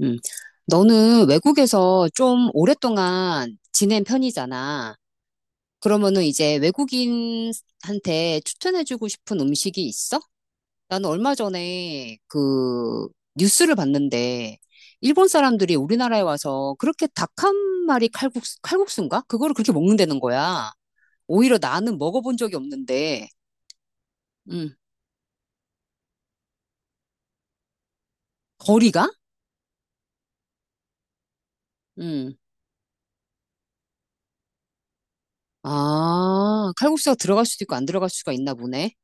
음. 너는 외국에서 좀 오랫동안 지낸 편이잖아. 그러면은 이제 외국인한테 추천해주고 싶은 음식이 있어? 나는 얼마 전에 그 뉴스를 봤는데 일본 사람들이 우리나라에 와서 그렇게 닭 한 마리 칼국수, 칼국수인가? 그거를 그렇게 먹는다는 거야. 오히려 나는 먹어본 적이 없는데, 음, 거리가? 음. 아, 칼국수가 들어갈 수도 있고 안 들어갈 수가 있나 보네.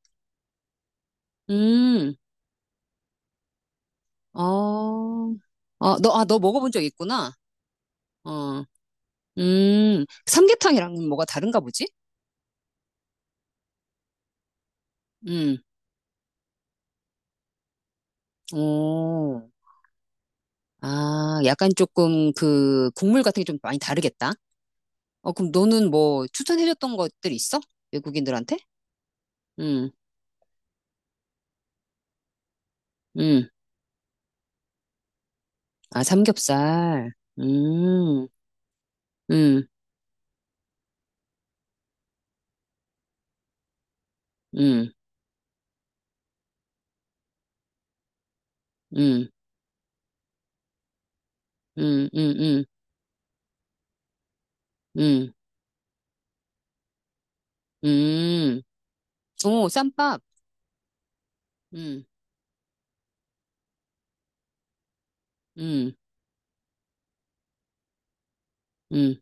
음. 어, 어, 아, 너 먹어본 적 있구나. 어, 삼계탕이랑은 뭐가 다른가 보지? 음, 오, 아, 약간 조금 그 국물 같은 게 좀 많이 다르겠다. 어, 그럼 너는 뭐 추천해줬던 것들 있어? 외국인들한테? 음, 음, 아, 삼겹살. 음, 음, 음, 음, 음, 음, 음, 음, 음, 오, 쌈밥. 음, 음, 음,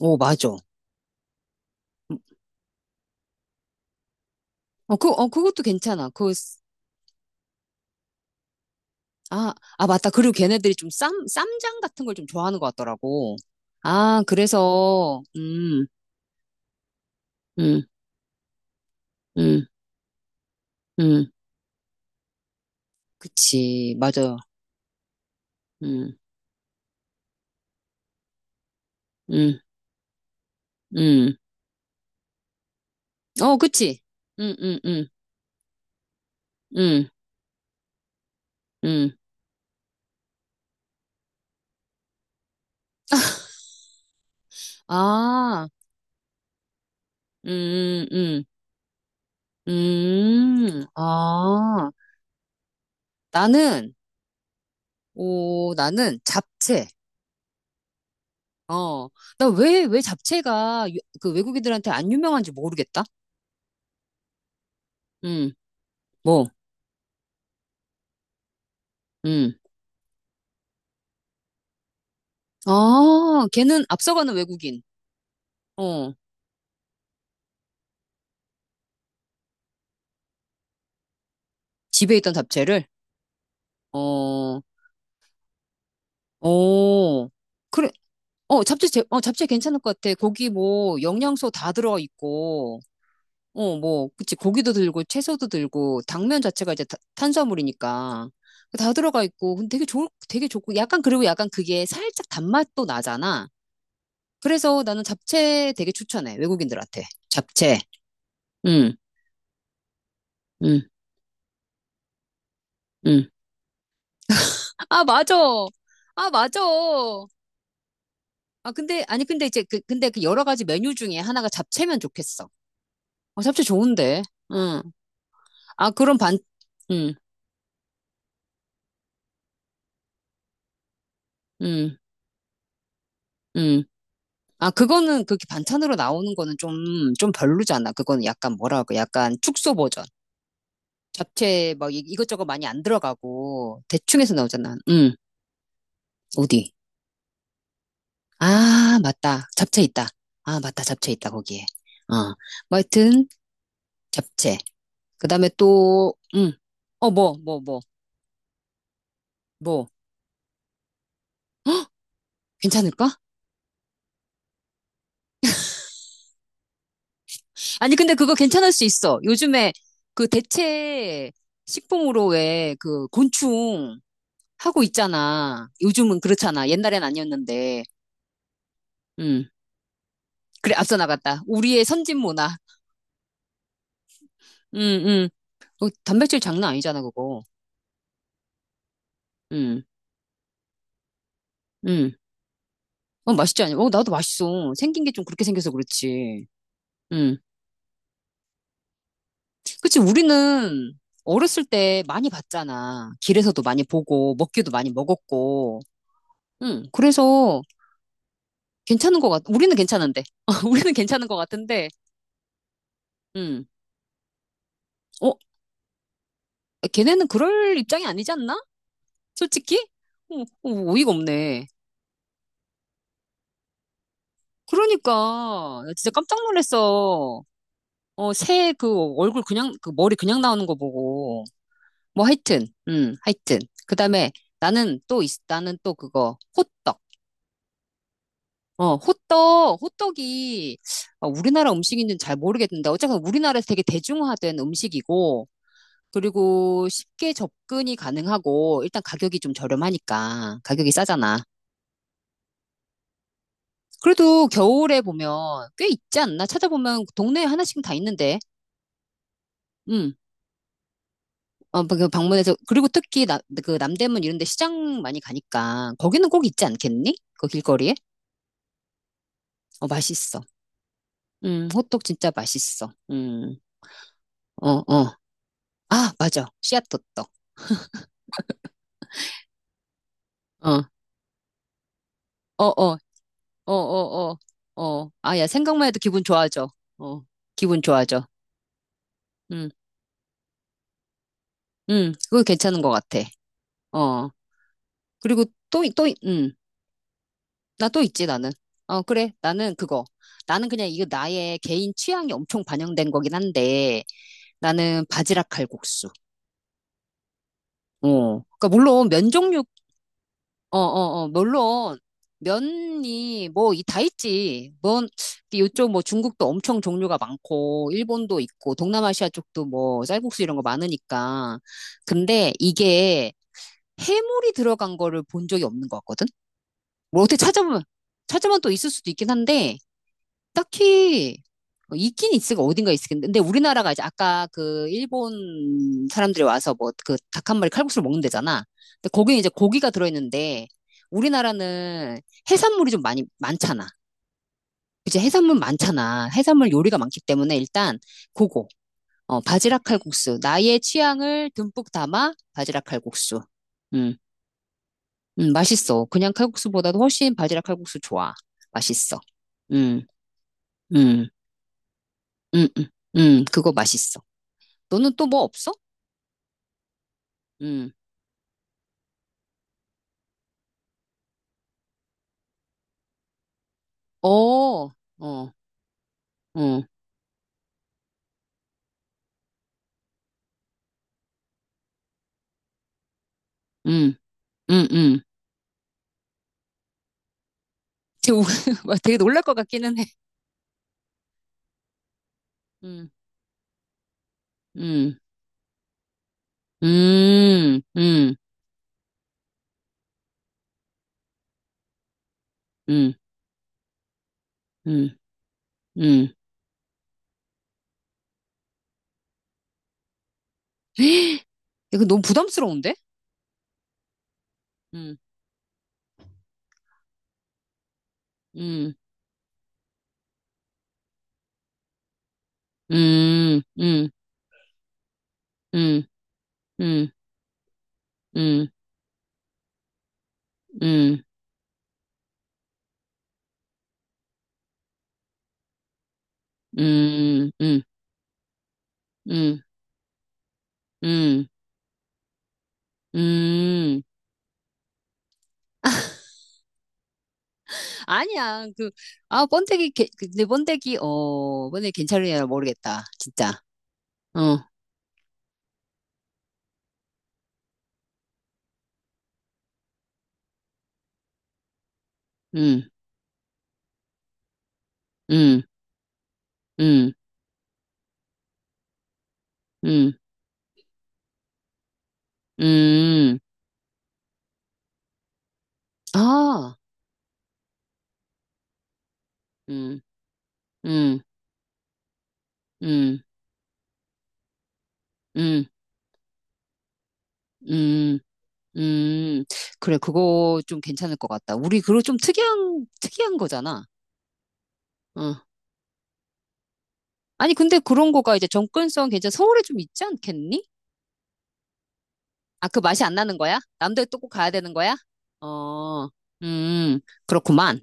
오, 맞아. 어, 어, 그것도 괜찮아. 아, 아, 맞다. 그리고 걔네들이 좀 쌈장 같은 걸 좀 좋아하는 것 같더라고. 아, 그래서, 음, 음, 음. 그치. 맞아. 음, 음, 음. 어, 그치. 음, 음, 음, 음, 음. 아, 음, 음, 아, 나는, 오, 나는 잡채. 어, 나 왜 잡채가 그 외국인들한테 안 유명한지 모르겠다. 음, 뭐, 음. 아, 걔는 앞서가는 외국인. 어, 집에 있던 잡채를. 어, 어, 그래. 어, 잡채 괜찮을 것 같아. 고기 뭐, 영양소 다 들어가 있고, 어, 뭐, 그치. 고기도 들고, 채소도 들고, 당면 자체가 이제 탄수화물이니까. 다 들어가 있고, 근데 되게 좋고, 약간, 그리고 약간 그게 살짝 단맛도 나잖아. 그래서 나는 잡채 되게 추천해. 외국인들한테. 잡채. 응, 응, 응. 아, 맞아. 아, 맞아. 아, 근데, 아니, 근데 이제, 근데 그 여러 가지 메뉴 중에 하나가 잡채면 좋겠어. 어, 잡채 좋은데. 응. 아, 응, 응, 응. 아, 그거는 그렇게 반찬으로 나오는 거는 좀, 좀 별로잖아. 그거는 약간 뭐라고, 약간 축소 버전. 잡채 막 이것저것 많이 안 들어가고, 대충 해서 나오잖아. 응, 어디? 아, 맞다. 잡채 있다. 아, 맞다. 잡채 있다, 거기에. 어. 뭐 하여튼, 잡채. 그 다음에 또, 응. 어, 뭐, 뭐, 뭐, 뭐. 괜찮을까? 아니, 근데 그거 괜찮을 수 있어. 요즘에 그 대체 식품으로 왜 그 곤충 하고 있잖아. 요즘은 그렇잖아. 옛날엔 아니었는데. 음. 그래, 앞서 나갔다. 우리의 선진 문화. 음, 음. 어, 단백질 장난 아니잖아, 그거. 음, 음. 어, 맛있지 않냐? 어, 나도 맛있어. 생긴 게 좀 그렇게 생겨서 그렇지. 음. 그치, 우리는 어렸을 때 많이 봤잖아. 길에서도 많이 보고, 먹기도 많이 먹었고. 응, 그래서 우리는 괜찮은데. 우리는 괜찮은 것 같은데, 음. 어, 걔네는 그럴 입장이 아니지 않나? 솔직히? 어, 어, 어이가 없네. 그러니까, 나 진짜 깜짝 놀랐어. 어, 새 그 얼굴 그냥, 그 머리 그냥 나오는 거 보고. 뭐 하여튼, 하여튼. 그 다음에 나는 또 그거, 호떡. 어, 호떡이 우리나라 음식인지는 잘 모르겠는데, 어쨌든 우리나라에서 되게 대중화된 음식이고, 그리고 쉽게 접근이 가능하고 일단 가격이 좀 저렴하니까 가격이 싸잖아. 그래도 겨울에 보면 꽤 있지 않나? 찾아보면 동네에 하나씩은 다 있는데. 음. 어, 그 방문해서 그리고 특히 그 남대문 이런 데 시장 많이 가니까 거기는 꼭 있지 않겠니? 그 길거리에? 어, 맛있어. 호떡 진짜 맛있어. 음. 어, 어. 아, 맞아. 씨앗 호떡. 어. 어, 어. 어, 어, 어. 어. 아, 야, 생각만 해도 기분 좋아져. 어. 기분 좋아져. 음. 응, 그거 괜찮은 것 같아. 어. 그리고 또, 응, 나 또 있지, 나는. 어, 그래. 나는 그거. 나는 그냥 이거 나의 개인 취향이 엄청 반영된 거긴 한데, 나는 바지락 칼국수. 어. 그러니까 물론 면 종류, 어, 어, 어, 물론 면이 뭐 이 다 있지. 뭐 요쪽 뭐 중국도 엄청 종류가 많고, 일본도 있고, 동남아시아 쪽도 뭐 쌀국수 이런 거 많으니까. 근데 이게 해물이 들어간 거를 본 적이 없는 것 같거든. 뭐 어떻게 찾아보면, 찾보면 또 있을 수도 있긴 한데, 딱히, 어, 있긴 있을까, 어딘가 있을텐데. 근데 우리나라가 이제 아까 그 일본 사람들이 와서 뭐 그 닭 한 마리 칼국수를 먹는 데잖아. 근데 거기는 이제 고기가 들어있는데, 우리나라는 해산물이 좀 많잖아. 그치, 해산물 많잖아. 해산물 요리가 많기 때문에 일단, 그거, 어, 바지락 칼국수. 나의 취향을 듬뿍 담아 바지락 칼국수. 음. 맛있어. 그냥 칼국수보다도 훨씬 바지락 칼국수 좋아. 맛있어. 음, 음, 음, 음, 그거 맛있어. 너는 또 뭐 없어? 음, 어, 어, 어, 음, 음, 음. 되게, 우- 막 되게 놀랄 것 같기는 해. 음, 음, 음, 음, 음, 음, 음. 이거 너무 부담스러운데? 음, 음, 음, 음, 음, 음, 음, 음, 음, 음, 음, 음. 음. 음. 아니야. 아, 번데기, 개- 그, 근데 번데기, 어, 번데기 괜찮으냐 모르겠다. 진짜. 어, 음, 음, 음, 음, 음. 아, 음, 음, 음, 음, 음, 음. 그래, 그거 좀 괜찮을 것 같다. 우리 그거 좀 특이한, 특이한 거잖아. 어. 아니, 근데 그런 거가 이제 접근성 서울에 좀 있지 않겠니? 아, 그 맛이 안 나는 거야? 남도에 또 꼭 가야 되는 거야? 어, 음, 그렇구만.